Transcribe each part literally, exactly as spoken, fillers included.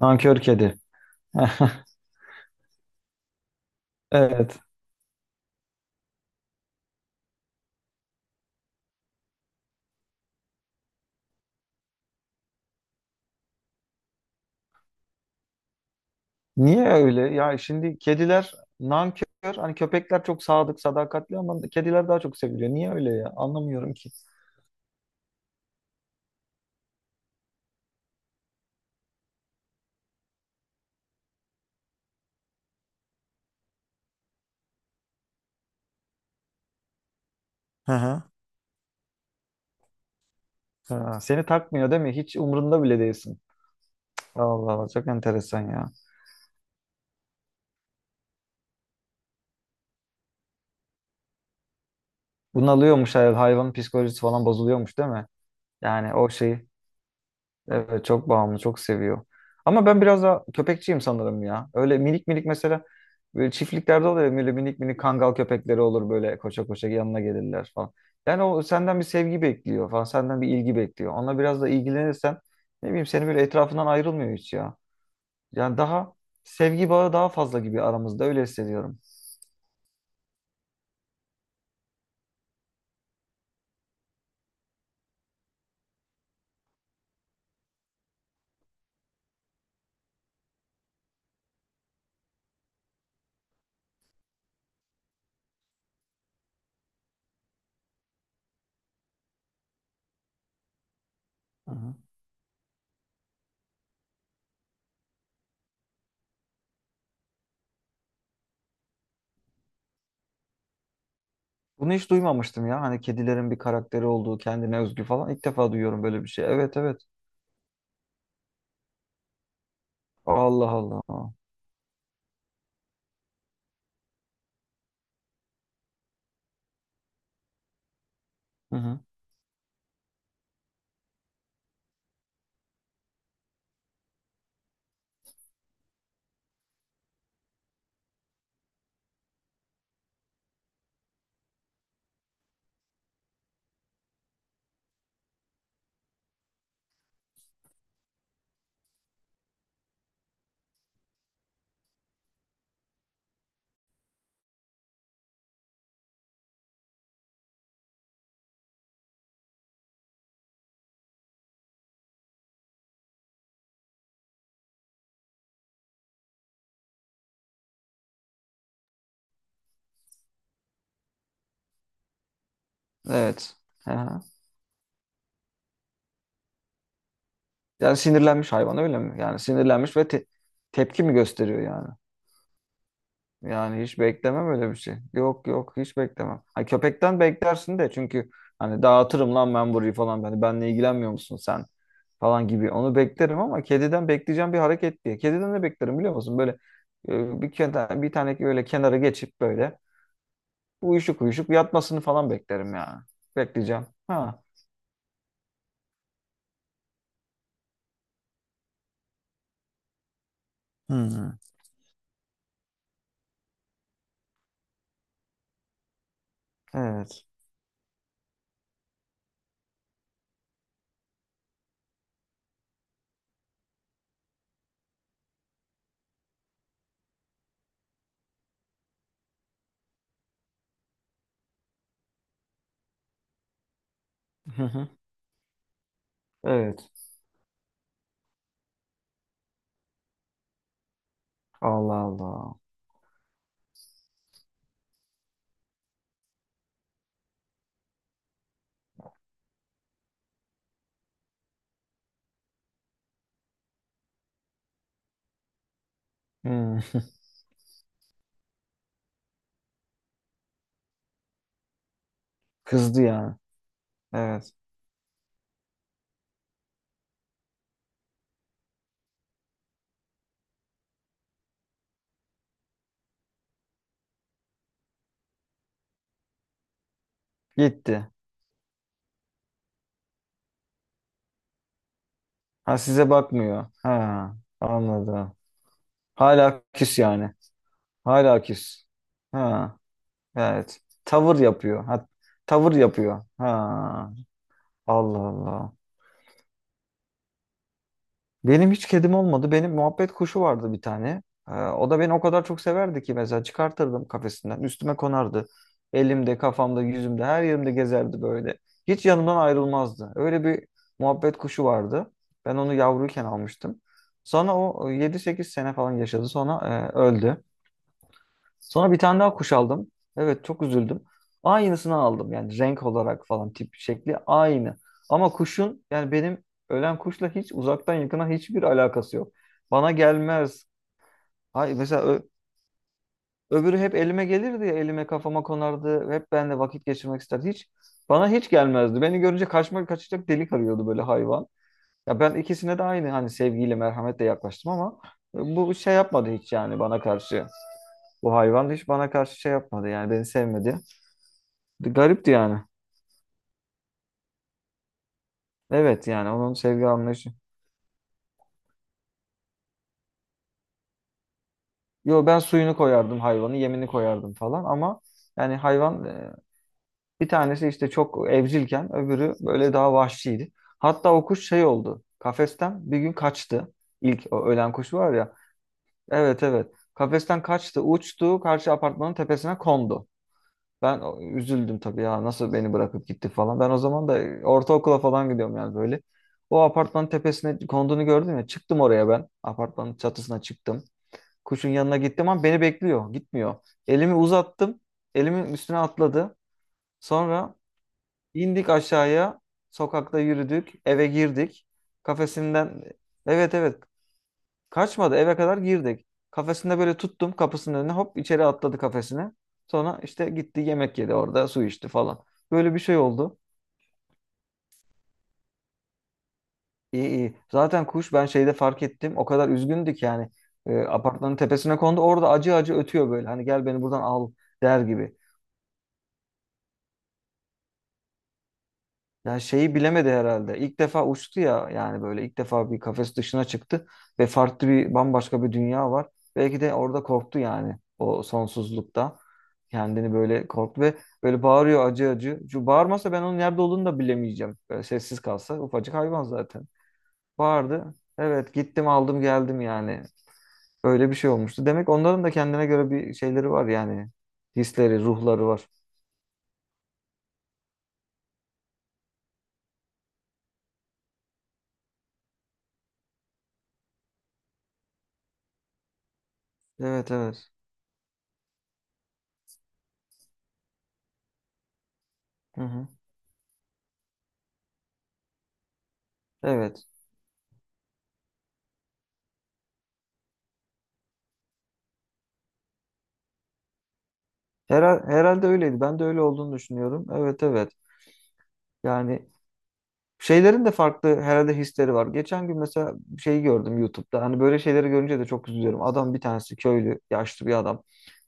Nankör kedi. Evet. Niye öyle? Ya şimdi kediler nankör. Hani köpekler çok sadık, sadakatli ama kediler daha çok seviliyor. Niye öyle ya? Anlamıyorum ki. Hı hı. Ha, seni takmıyor değil mi? Hiç umurunda bile değilsin. Allah Allah, çok enteresan ya. Bunalıyormuş, hayvan psikolojisi falan bozuluyormuş değil mi? Yani o şey. Evet, çok bağımlı, çok seviyor. Ama ben biraz daha köpekçiyim sanırım ya. Öyle minik minik mesela böyle çiftliklerde oluyor ya, böyle minik minik kangal köpekleri olur, böyle koşa koşa yanına gelirler falan. Yani o senden bir sevgi bekliyor falan, senden bir ilgi bekliyor. Ona biraz da ilgilenirsen ne bileyim, seni böyle etrafından ayrılmıyor hiç ya. Yani daha sevgi bağı daha fazla gibi aramızda, öyle hissediyorum. Hı hı. Bunu hiç duymamıştım ya. Hani kedilerin bir karakteri olduğu, kendine özgü falan. İlk defa duyuyorum böyle bir şey. Evet, evet. Allah Allah. Hı hı. Evet. Aha. Yani sinirlenmiş hayvan öyle mi? Yani sinirlenmiş ve te- tepki mi gösteriyor yani? Yani hiç beklemem öyle bir şey. Yok yok, hiç beklemem. Ha, köpekten beklersin de çünkü hani dağıtırım lan ben burayı falan. Hani benle ilgilenmiyor musun sen falan gibi. Onu beklerim ama kediden bekleyeceğim bir hareket diye. Kediden de beklerim, biliyor musun? Böyle e, bir, kena- bir tane böyle kenara geçip böyle uyuşuk uyuşuk yatmasını falan beklerim yani. Bekleyeceğim. Ha. Hmm. Evet. Hı hı. Evet. Allah Allah. Hmm. Kızdı yani. Evet. Gitti. Ha, size bakmıyor. Ha, anladım. Hala küs yani. Hala küs. Ha, evet. Tavır yapıyor. Ha, tavır yapıyor. Ha. Allah Allah. Benim hiç kedim olmadı. Benim muhabbet kuşu vardı bir tane. Ee, o da beni o kadar çok severdi ki mesela çıkartırdım kafesinden. Üstüme konardı. Elimde, kafamda, yüzümde, her yerimde gezerdi böyle. Hiç yanımdan ayrılmazdı. Öyle bir muhabbet kuşu vardı. Ben onu yavruyken almıştım. Sonra o e, yedi sekiz sene falan yaşadı. Sonra e, öldü. Sonra bir tane daha kuş aldım. Evet, çok üzüldüm. Aynısını aldım yani, renk olarak falan, tip şekli aynı. Ama kuşun yani, benim ölen kuşla hiç uzaktan yakına hiçbir alakası yok. Bana gelmez. Hay mesela ö- öbürü hep elime gelirdi ya, elime kafama konardı. Hep benimle vakit geçirmek isterdi. Hiç bana hiç gelmezdi. Beni görünce kaçmak, kaçacak delik arıyordu böyle hayvan. Ya ben ikisine de aynı hani sevgiyle merhametle yaklaştım ama e, bu şey yapmadı hiç yani bana karşı. Bu hayvan hiç bana karşı şey yapmadı yani, beni sevmedi. Garipti yani. Evet yani, onun sevgi anlayışı. Yo, ben suyunu koyardım hayvanı, yemini koyardım falan ama yani hayvan e, bir tanesi işte çok evcilken öbürü böyle daha vahşiydi. Hatta o kuş şey oldu. Kafesten bir gün kaçtı. İlk o ölen kuş var ya. Evet, evet. Kafesten kaçtı, uçtu, karşı apartmanın tepesine kondu. Ben o- üzüldüm tabii ya, nasıl beni bırakıp gitti falan. Ben o zaman da ortaokula falan gidiyorum yani böyle. O apartmanın tepesine konduğunu gördüm ya, çıktım oraya ben. Apartmanın çatısına çıktım. Kuşun yanına gittim ama beni bekliyor, gitmiyor. Elimi uzattım. Elimin üstüne atladı. Sonra indik aşağıya. Sokakta yürüdük. Eve girdik. Kafesinden evet evet. Kaçmadı, eve kadar girdik. Kafesinde böyle tuttum, kapısının önüne hop içeri atladı kafesine. Sonra işte gitti, yemek yedi orada, su içti falan. Böyle bir şey oldu. İyi iyi. Zaten kuş, ben şeyde fark ettim, o kadar üzgündü ki yani e, apartmanın tepesine kondu, orada acı acı ötüyor böyle. Hani gel beni buradan al der gibi. Yani şeyi bilemedi herhalde. İlk defa uçtu ya yani, böyle ilk defa bir kafes dışına çıktı ve farklı bir, bambaşka bir dünya var. Belki de orada korktu yani, o sonsuzlukta kendini böyle korktu ve böyle bağırıyor acı acı. Şu bağırmasa ben onun nerede olduğunu da bilemeyeceğim. Böyle sessiz kalsa, ufacık hayvan zaten. Bağırdı. Evet, gittim aldım geldim yani. Öyle bir şey olmuştu. Demek onların da kendine göre bir şeyleri var yani. Hisleri, ruhları var. Evet, evet. Hı hı. Evet. Hera- herhalde öyleydi. Ben de öyle olduğunu düşünüyorum. Evet, evet. Yani şeylerin de farklı herhalde hisleri var. Geçen gün mesela şeyi gördüm YouTube'da. Hani böyle şeyleri görünce de çok üzülüyorum. Adam, bir tanesi köylü, yaşlı bir adam.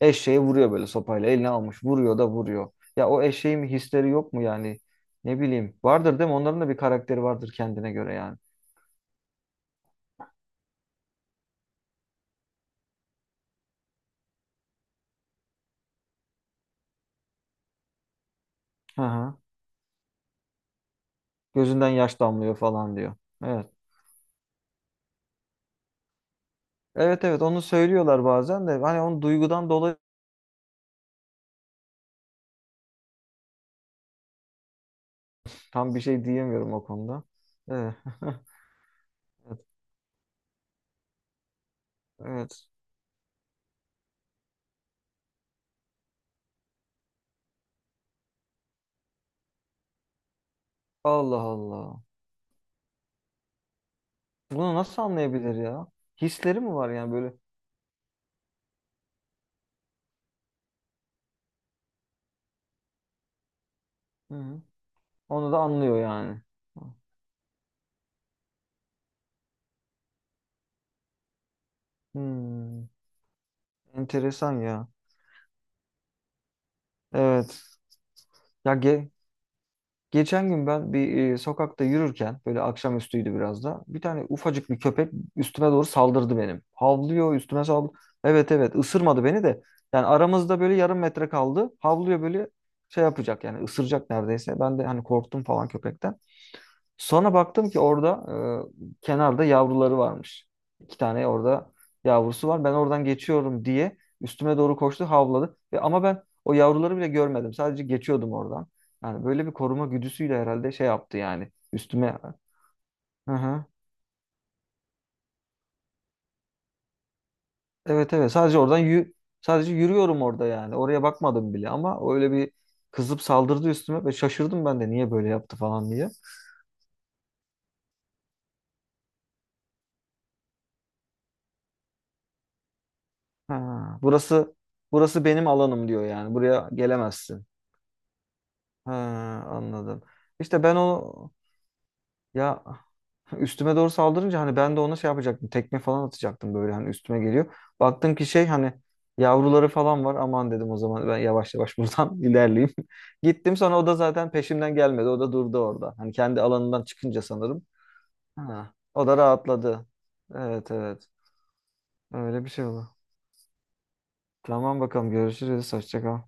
Eşeğe vuruyor böyle sopayla. Eline almış. Vuruyor da vuruyor. Ya o eşeğin bir hisleri yok mu yani? Ne bileyim. Vardır değil mi? Onların da bir karakteri vardır kendine göre yani. Hı hı. Gözünden yaş damlıyor falan diyor. Evet. Evet evet, onu söylüyorlar bazen de. Hani onu duygudan dolayı tam bir şey diyemiyorum o konuda. Evet. Evet. Allah Allah. Bunu nasıl anlayabilir ya? Hisleri mi var yani böyle? Hı. Hı. Onu da anlıyor yani. Hmm. Enteresan ya. Evet. Ya ge- geçen gün ben bir e, sokakta yürürken, böyle akşamüstüydü biraz da, bir tane ufacık bir köpek üstüme doğru saldırdı benim. Havlıyor, üstüme saldırdı. Evet evet, ısırmadı beni de. Yani aramızda böyle yarım metre kaldı. Havlıyor böyle, şey yapacak yani, ısıracak neredeyse. Ben de hani korktum falan köpekten. Sonra baktım ki orada e, kenarda yavruları varmış. İki tane orada yavrusu var. Ben oradan geçiyorum diye üstüme doğru koştu, havladı. Ve ama ben o yavruları bile görmedim. Sadece geçiyordum oradan. Yani böyle bir koruma güdüsüyle herhalde şey yaptı yani üstüme. Hı hı. Evet evet, sadece oradan yü- sadece yürüyorum orada yani. Oraya bakmadım bile ama o öyle bir kızıp saldırdı üstüme ve şaşırdım ben de, niye böyle yaptı falan diye. Ha, burası, burası benim alanım diyor yani. Buraya gelemezsin. Ha, anladım. İşte ben onu ya üstüme doğru saldırınca hani ben de ona şey yapacaktım. Tekme falan atacaktım, böyle hani üstüme geliyor. Baktım ki şey, hani yavruları falan var. Aman dedim, o zaman ben yavaş yavaş buradan ilerleyeyim. Gittim sonra, o da zaten peşimden gelmedi. O da durdu orada. Hani kendi alanından çıkınca sanırım. Ha, o da rahatladı. Evet, evet. Öyle bir şey oldu. Tamam bakalım, görüşürüz. Hoşça kal.